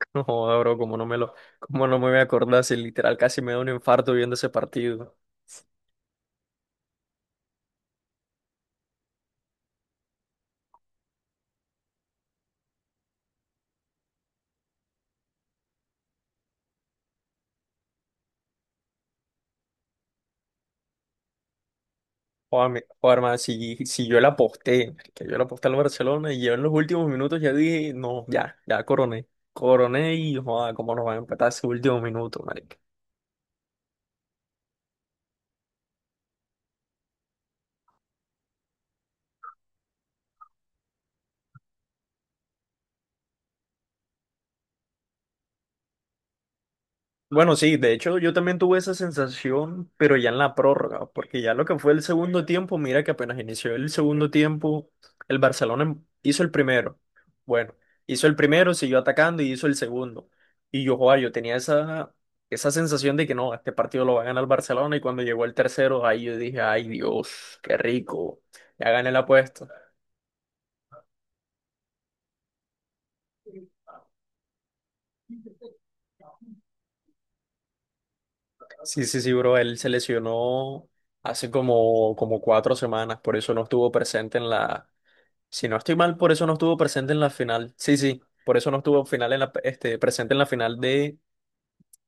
No joda, bro, como no me voy a acordar si literal casi me da un infarto viendo ese partido. Joder, man, si yo la aposté, que yo la aposté al Barcelona y yo en los últimos minutos ya dije, no, ya coroné. Coroné y joder, cómo nos van a empatar ese último minuto. Bueno, sí, de hecho yo también tuve esa sensación, pero ya en la prórroga, porque ya lo que fue el segundo tiempo, mira que apenas inició el segundo tiempo, el Barcelona hizo el primero. Bueno, hizo el primero, siguió atacando y hizo el segundo. Y yo, joa, esa sensación de que no, este partido lo va a ganar el Barcelona y cuando llegó el tercero, ahí yo dije, ay Dios, qué rico, ya gané la apuesta. Sí, sí, sí, bro, él se lesionó hace como 4 semanas, por eso no estuvo presente en la... Si no estoy mal, por eso no estuvo presente en la final. Sí, sí, por eso no estuvo final en la, este, presente en la final de...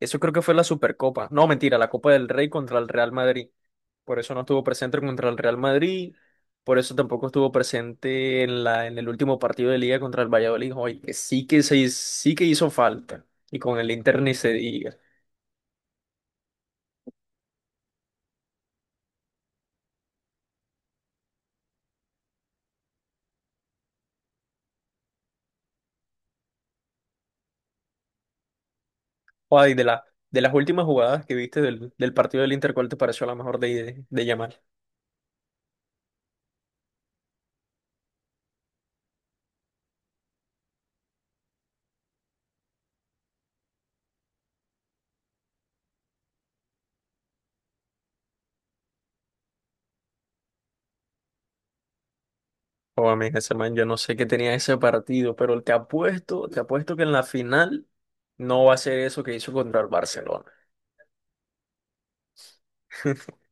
Eso creo que fue la Supercopa. No, mentira, la Copa del Rey contra el Real Madrid. Por eso no estuvo presente contra el Real Madrid. Por eso tampoco estuvo presente en el último partido de Liga contra el Valladolid. Oye, que sí que hizo falta. Y con el Inter ni se diga. Oye, de la, de las últimas jugadas que viste del partido del Inter, ¿cuál te pareció la mejor de Yamal? O a mí ese man, yo no sé qué tenía ese partido, pero te apuesto que en la final no va a ser eso que hizo contra el Barcelona.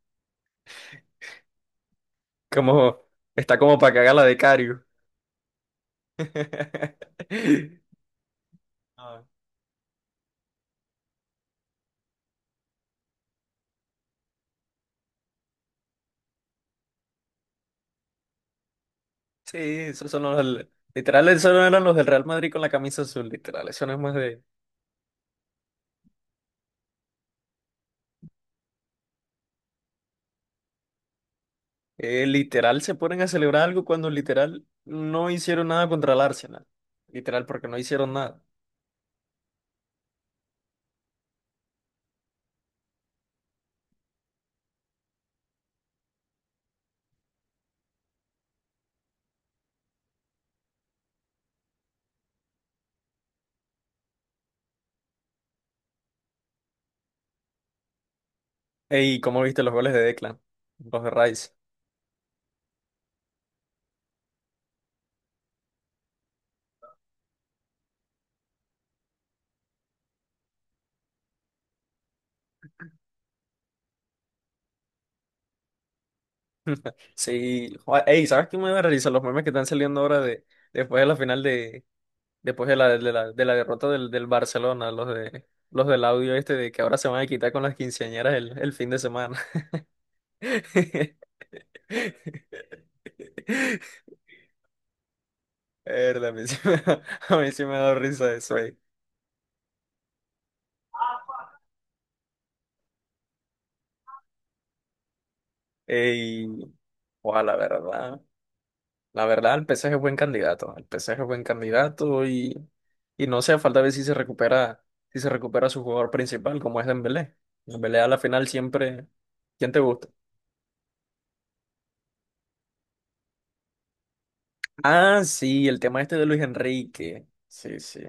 Como, Está como para cagar la de Cario. Ah. Sí, esos son literal, esos no eran los del Real Madrid con la camisa azul, literal, eso no es más de... Eh, literal se ponen a celebrar algo cuando literal no hicieron nada contra el Arsenal, literal porque no hicieron nada. Ey, ¿cómo viste los goles de Declan? Los de Rice. Sí, joder, ey, ¿sabes qué me voy a realizar? Los memes que están saliendo ahora de después de la final de después de la de la, de la derrota del Barcelona, los de los del audio este de que ahora se van a quitar con las quinceañeras el fin de semana. Verdad, a mí sí me ha dado risa eso, ey. Ey, joder, la verdad. La verdad, el PSG es buen candidato. El PSG es buen candidato y no sea falta ver si se recupera, si se recupera su jugador principal, como es Dembélé. Dembélé a la final siempre. ¿Quién te gusta? Ah, sí, el tema este de Luis Enrique. Sí, sí.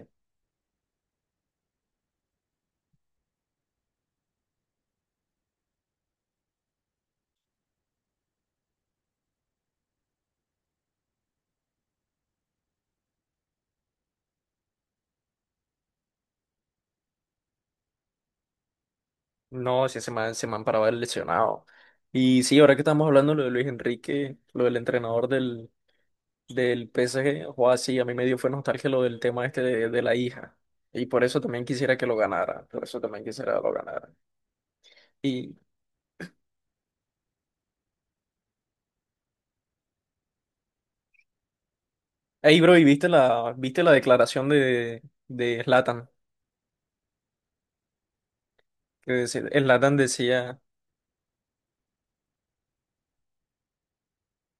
No, sí, se me han parado lesionado. Y sí, ahora que estamos hablando lo de Luis Enrique, lo del entrenador del PSG, o sí, a mí me dio fue nostalgia lo del tema este de la hija. Y por eso también quisiera que lo ganara. Por eso también quisiera que lo ganara. Ey, bro, ¿y viste viste la declaración de Zlatan? Que dice- Zlatan decía,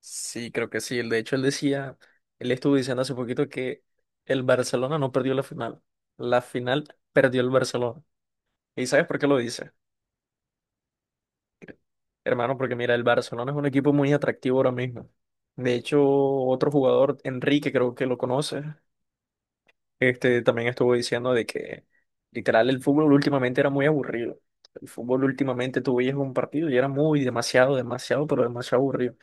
sí, creo que sí, él, de hecho él decía, él estuvo diciendo hace poquito que el Barcelona no perdió la final perdió el Barcelona. ¿Y sabes por qué lo dice? Hermano, porque mira, el Barcelona es un equipo muy atractivo ahora mismo. De hecho, otro jugador, Enrique, creo que lo conoce. Este también estuvo diciendo de que literal el fútbol últimamente era muy aburrido. El fútbol últimamente tú veías un partido y era muy demasiado, demasiado, pero demasiado aburrido.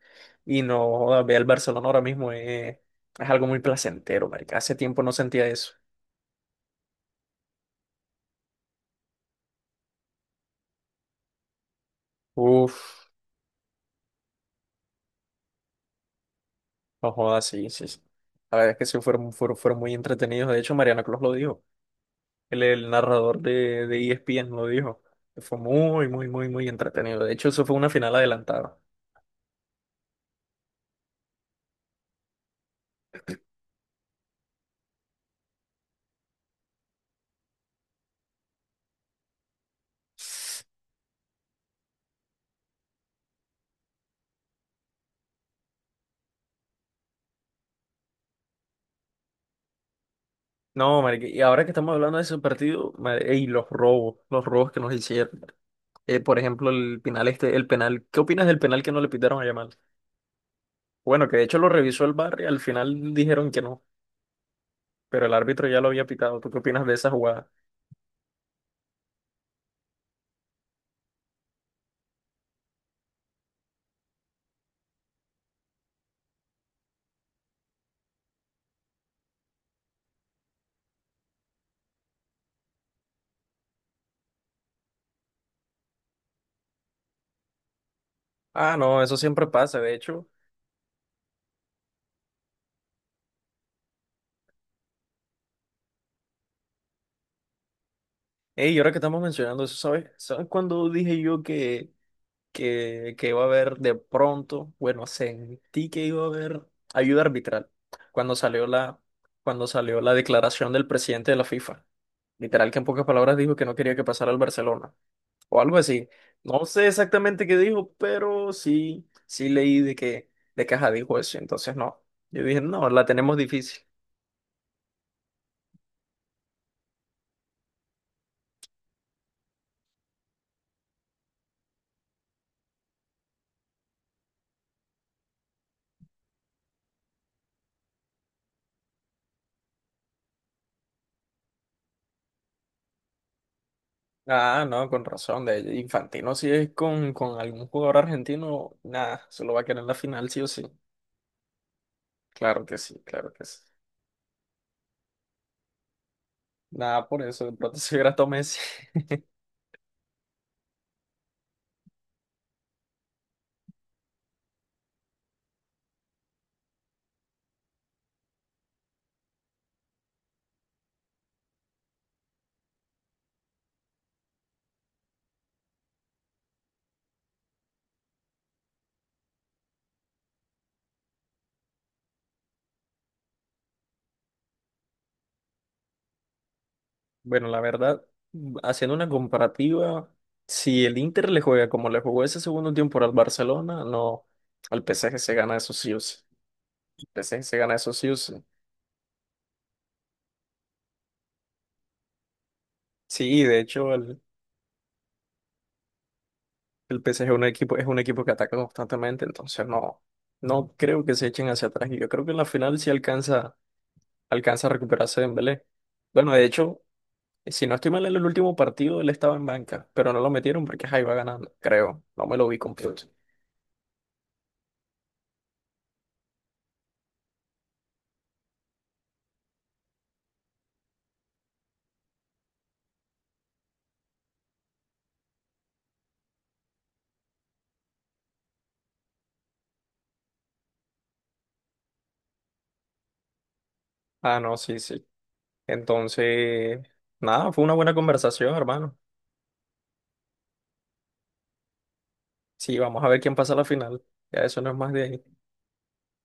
Y no, joda, ve al Barcelona ahora mismo es algo muy placentero, marica. Hace tiempo no sentía eso. Uf, no jodas, sí, sí. Sí. La verdad es que sí fueron, fueron, fueron muy entretenidos. De hecho, Mariano Clos lo dijo. El narrador de ESPN lo dijo. Fue muy, muy, muy, muy entretenido. De hecho, eso fue una final adelantada. No, marica, y ahora que estamos hablando de ese partido, madre, y los robos que nos hicieron. Por ejemplo, el penal este, el penal. ¿Qué opinas del penal que no le pitaron a Yamal? Bueno, que de hecho lo revisó el bar y al final dijeron que no, pero el árbitro ya lo había pitado. ¿Tú qué opinas de esa jugada? Ah, no, eso siempre pasa, de hecho. Ey, y ahora que estamos mencionando eso, ¿sabes? ¿Sabes cuando dije yo que iba a haber de pronto? Bueno, sentí que iba a haber ayuda arbitral cuando salió la, cuando salió la declaración del presidente de la FIFA. Literal que en pocas palabras dijo que no quería que pasara al Barcelona o algo así. No sé exactamente qué dijo, pero sí, sí leí de que de caja dijo eso. Entonces no, yo dije, no, la tenemos difícil. Ah, no, con razón. De Infantino si es con algún jugador argentino, nada, se lo va a querer en la final sí o sí. Claro que sí, claro que sí. Nada, por eso de pronto se hubiera Messi. Bueno, la verdad, haciendo una comparativa, si el Inter le juega como le jugó ese segundo tiempo al Barcelona, no, al PSG se gana esos sí o sí. El PSG se gana esos sí o sí. Sí, de hecho, el PSG es un equipo que ataca constantemente, entonces no, no creo que se echen hacia atrás. Y yo creo que en la final sí alcanza, alcanza a recuperarse Dembélé. Bueno, de hecho, si no estoy mal en el último partido, él estaba en banca, pero no lo metieron porque ahí va ganando, creo. No me lo vi completo. Ah, no, sí, sí. Entonces, nada, fue una buena conversación, hermano. Sí, vamos a ver quién pasa a la final. Ya eso no es más de ahí.